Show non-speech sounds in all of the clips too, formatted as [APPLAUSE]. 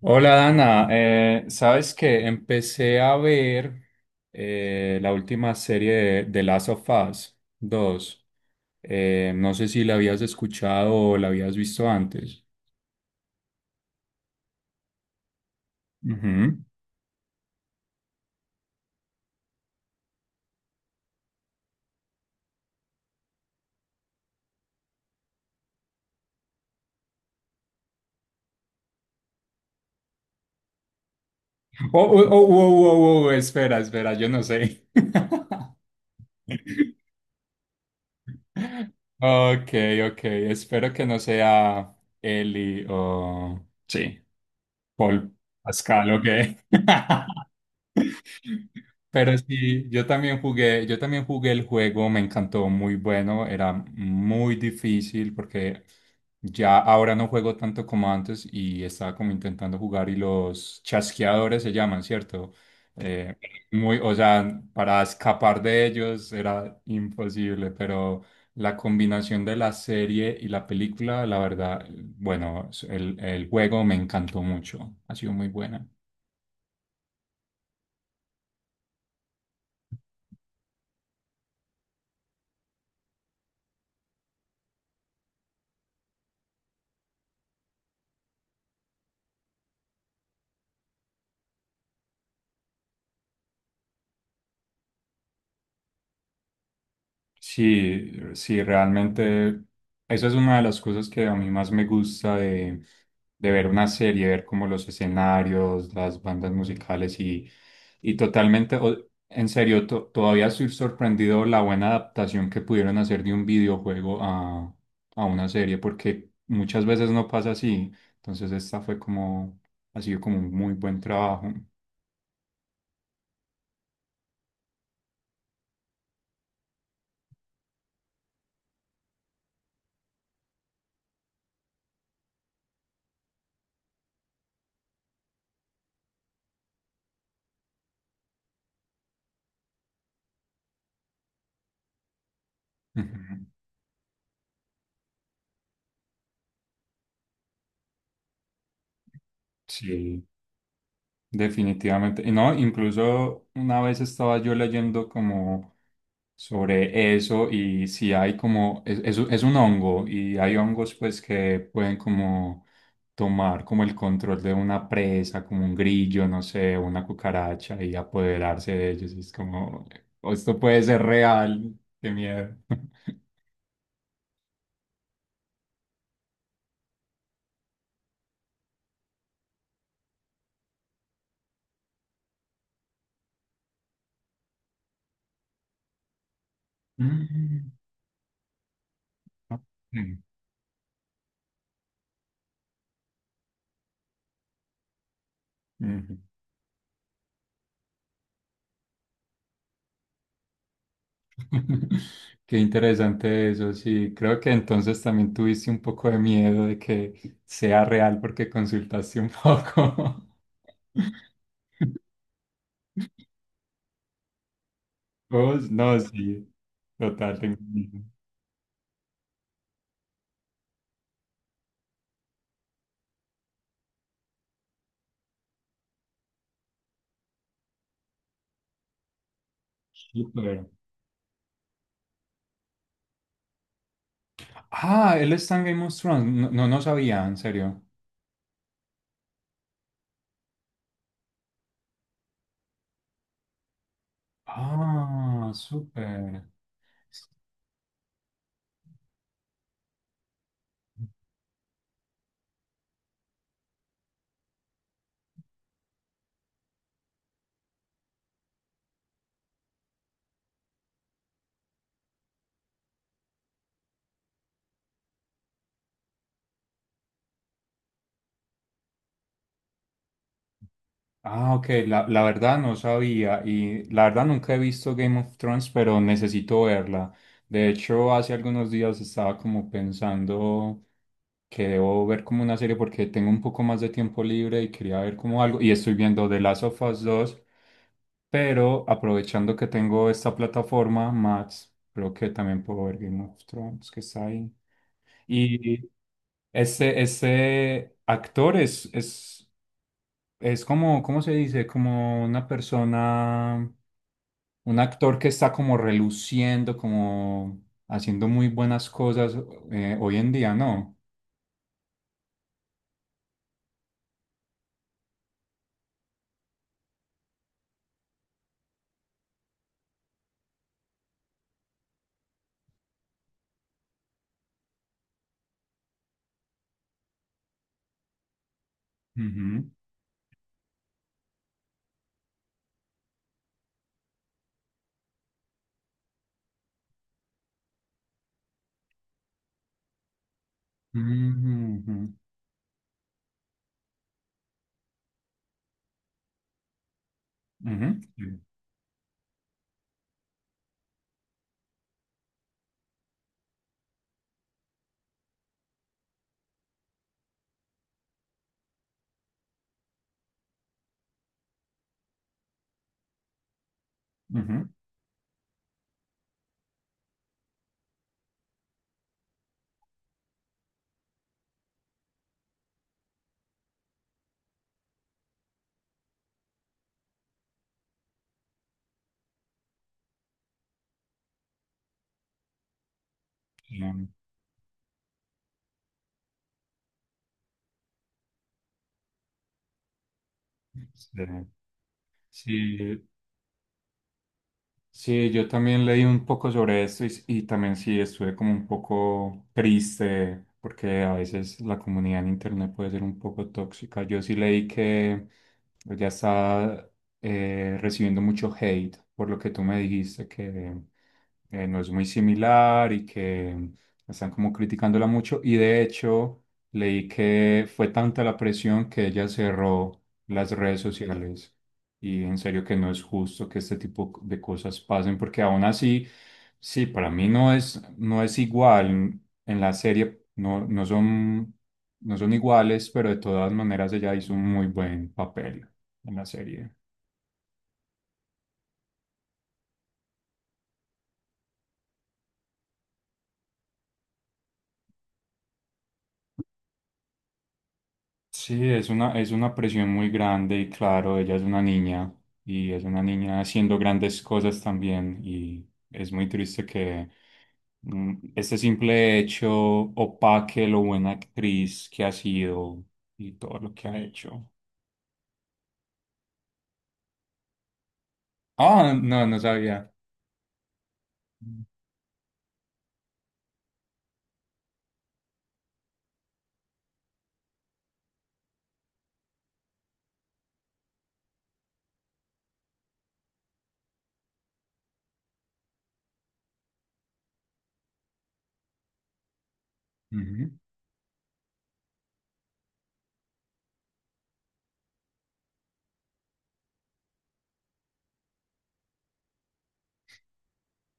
Hola Dana. ¿Sabes que empecé a ver la última serie de Last of Us dos? No sé si la habías escuchado o la habías visto antes. Ujú. Oh, oh, oh, oh, oh, oh, espera, espera, yo no sé. [LAUGHS] Ok, ok. Espero que no sea Eli o... Sí, Paul Pascal, ok. [LAUGHS] Pero sí, yo también jugué el juego. Me encantó, muy bueno. Era muy difícil porque ya ahora no juego tanto como antes y estaba como intentando jugar y los chasqueadores se llaman, ¿cierto? Eh, Muy, o sea, para escapar de ellos era imposible, pero... La combinación de la serie y la película, la verdad, bueno, el juego me encantó mucho. Ha sido muy buena. Sí, sí, realmente eso es una de las cosas que a mí más me gusta de ver una serie, ver como los escenarios, las bandas musicales y totalmente, en serio, todavía estoy sorprendido la buena adaptación que pudieron hacer de un videojuego a una serie, porque muchas veces no pasa así. Entonces esta fue como, ha sido como un muy buen trabajo. [LAUGHS] Ujú. Sí. Definitivamente. Y no, incluso una vez estaba yo leyendo como sobre eso, y si hay como, es un es un hongo, y hay hongos pues que pueden como tomar como el control de una presa, como un grillo, no sé, una cucaracha, y apoderarse de ellos. Y es como, "O esto puede ser real, qué miedo". [LAUGHS] Mm. Ujú. [LAUGHS] Qué interesante eso, sí. Creo que entonces también tuviste un poco de miedo de que sea real porque consultaste un poco. [LAUGHS] Vos, no, sí. Total, tengo miedo. Súper. Ah, ¿él está en Game of Thrones? No, no, no sabía, en serio. Ah, súper. Ah, ok, la verdad no sabía, y la verdad nunca he visto Game of Thrones, pero necesito verla. De hecho, hace algunos días estaba como pensando que debo ver como una serie porque tengo un poco más de tiempo libre y quería ver como algo, y estoy viendo The Last of Us dos, pero aprovechando que tengo esta plataforma, Max, creo que también puedo ver Game of Thrones, que está ahí. Y ese actor es es como, ¿cómo se dice? Como una persona, un actor que está como reluciendo, como haciendo muy buenas cosas hoy en día, ¿no? Ujú, ujú, ujú, ujú, ujú, ujú. Sí, sí. Sí. Sí, yo también leí un poco sobre esto, y también sí estuve como un poco triste porque a veces la comunidad en internet puede ser un poco tóxica. Yo sí leí que ya está recibiendo mucho hate por lo que tú me dijiste, que no es muy similar y que están como criticándola mucho. Y de hecho leí que fue tanta la presión que ella cerró las redes sociales. Y en serio que no es justo que este tipo de cosas pasen, porque aún así, sí, para mí no es, no es igual. En la serie no, no son, no son iguales, pero de todas maneras ella hizo un muy buen papel en la serie. Sí, es una presión muy grande, y claro, ella es una niña y es una niña haciendo grandes cosas también, y es muy triste que este simple hecho opaque lo buena actriz que ha sido y todo lo que ha hecho. Ah, no, no sabía. Ujú.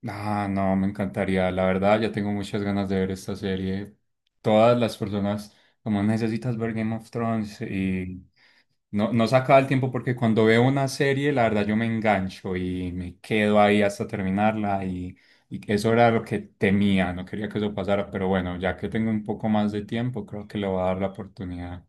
Ah, no, me encantaría. La verdad, ya tengo muchas ganas de ver esta serie. Todas las personas como necesitas ver Game of Thrones y... No, no se acaba el tiempo porque cuando veo una serie, la verdad yo me engancho y me quedo ahí hasta terminarla, y eso era lo que temía, no quería que eso pasara, pero bueno, ya que tengo un poco más de tiempo, creo que le voy a dar la oportunidad.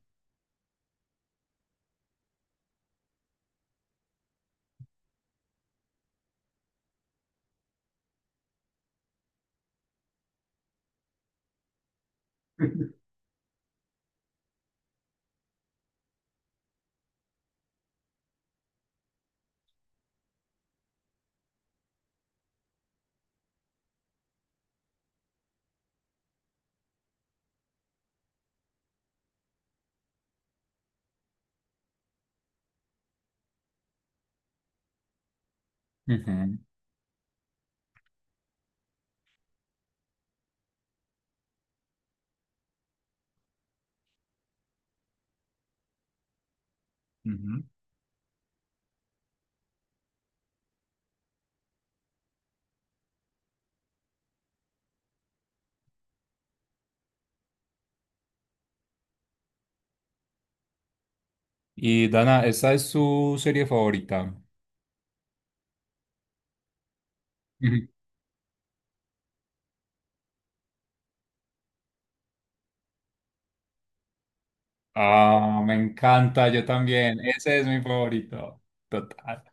Ujú. Ujú. Y Dana, ¿esta es su serie favorita? Ujú. Ah, me encanta, yo también, ese es mi favorito, total.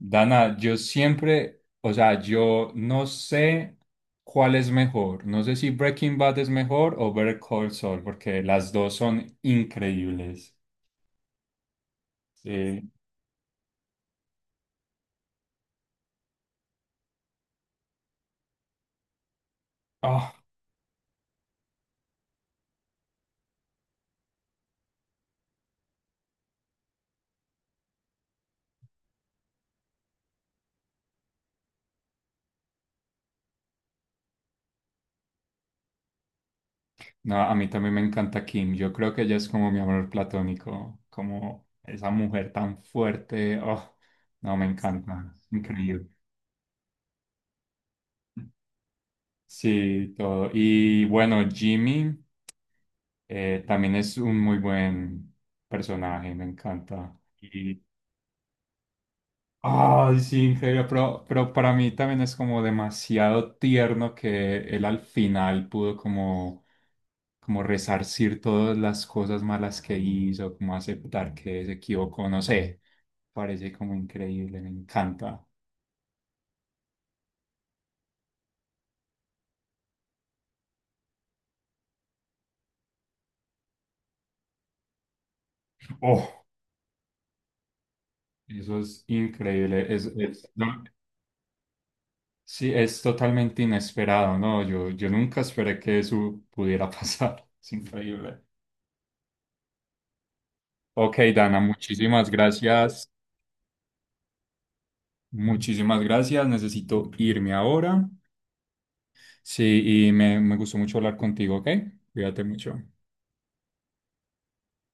Dana, yo siempre, o sea, yo no sé cuál es mejor. No sé si Breaking Bad es mejor o Better Call Saul, porque las dos son increíbles. Sí. Ah, no, a mí también me encanta Kim. Yo creo que ella es como mi amor platónico, como esa mujer tan fuerte. Oh, no, me encanta. Increíble. Sí, todo. Y bueno, Jimmy también es un muy buen personaje, me encanta. Ay, sí, increíble, pero para mí también es como demasiado tierno que él al final pudo como, como resarcir todas las cosas malas que hizo, como aceptar que se equivocó, no sé, parece como increíble, me encanta. Oh, eso es increíble, no, sí, es totalmente inesperado, ¿no? Yo nunca esperé que eso pudiera [LAUGHS] pasar, es increíble. Ok, Dana, muchísimas gracias. Muchísimas gracias. Necesito irme ahora. Sí, me gustó mucho hablar contigo, ¿ok? Cuídate mucho.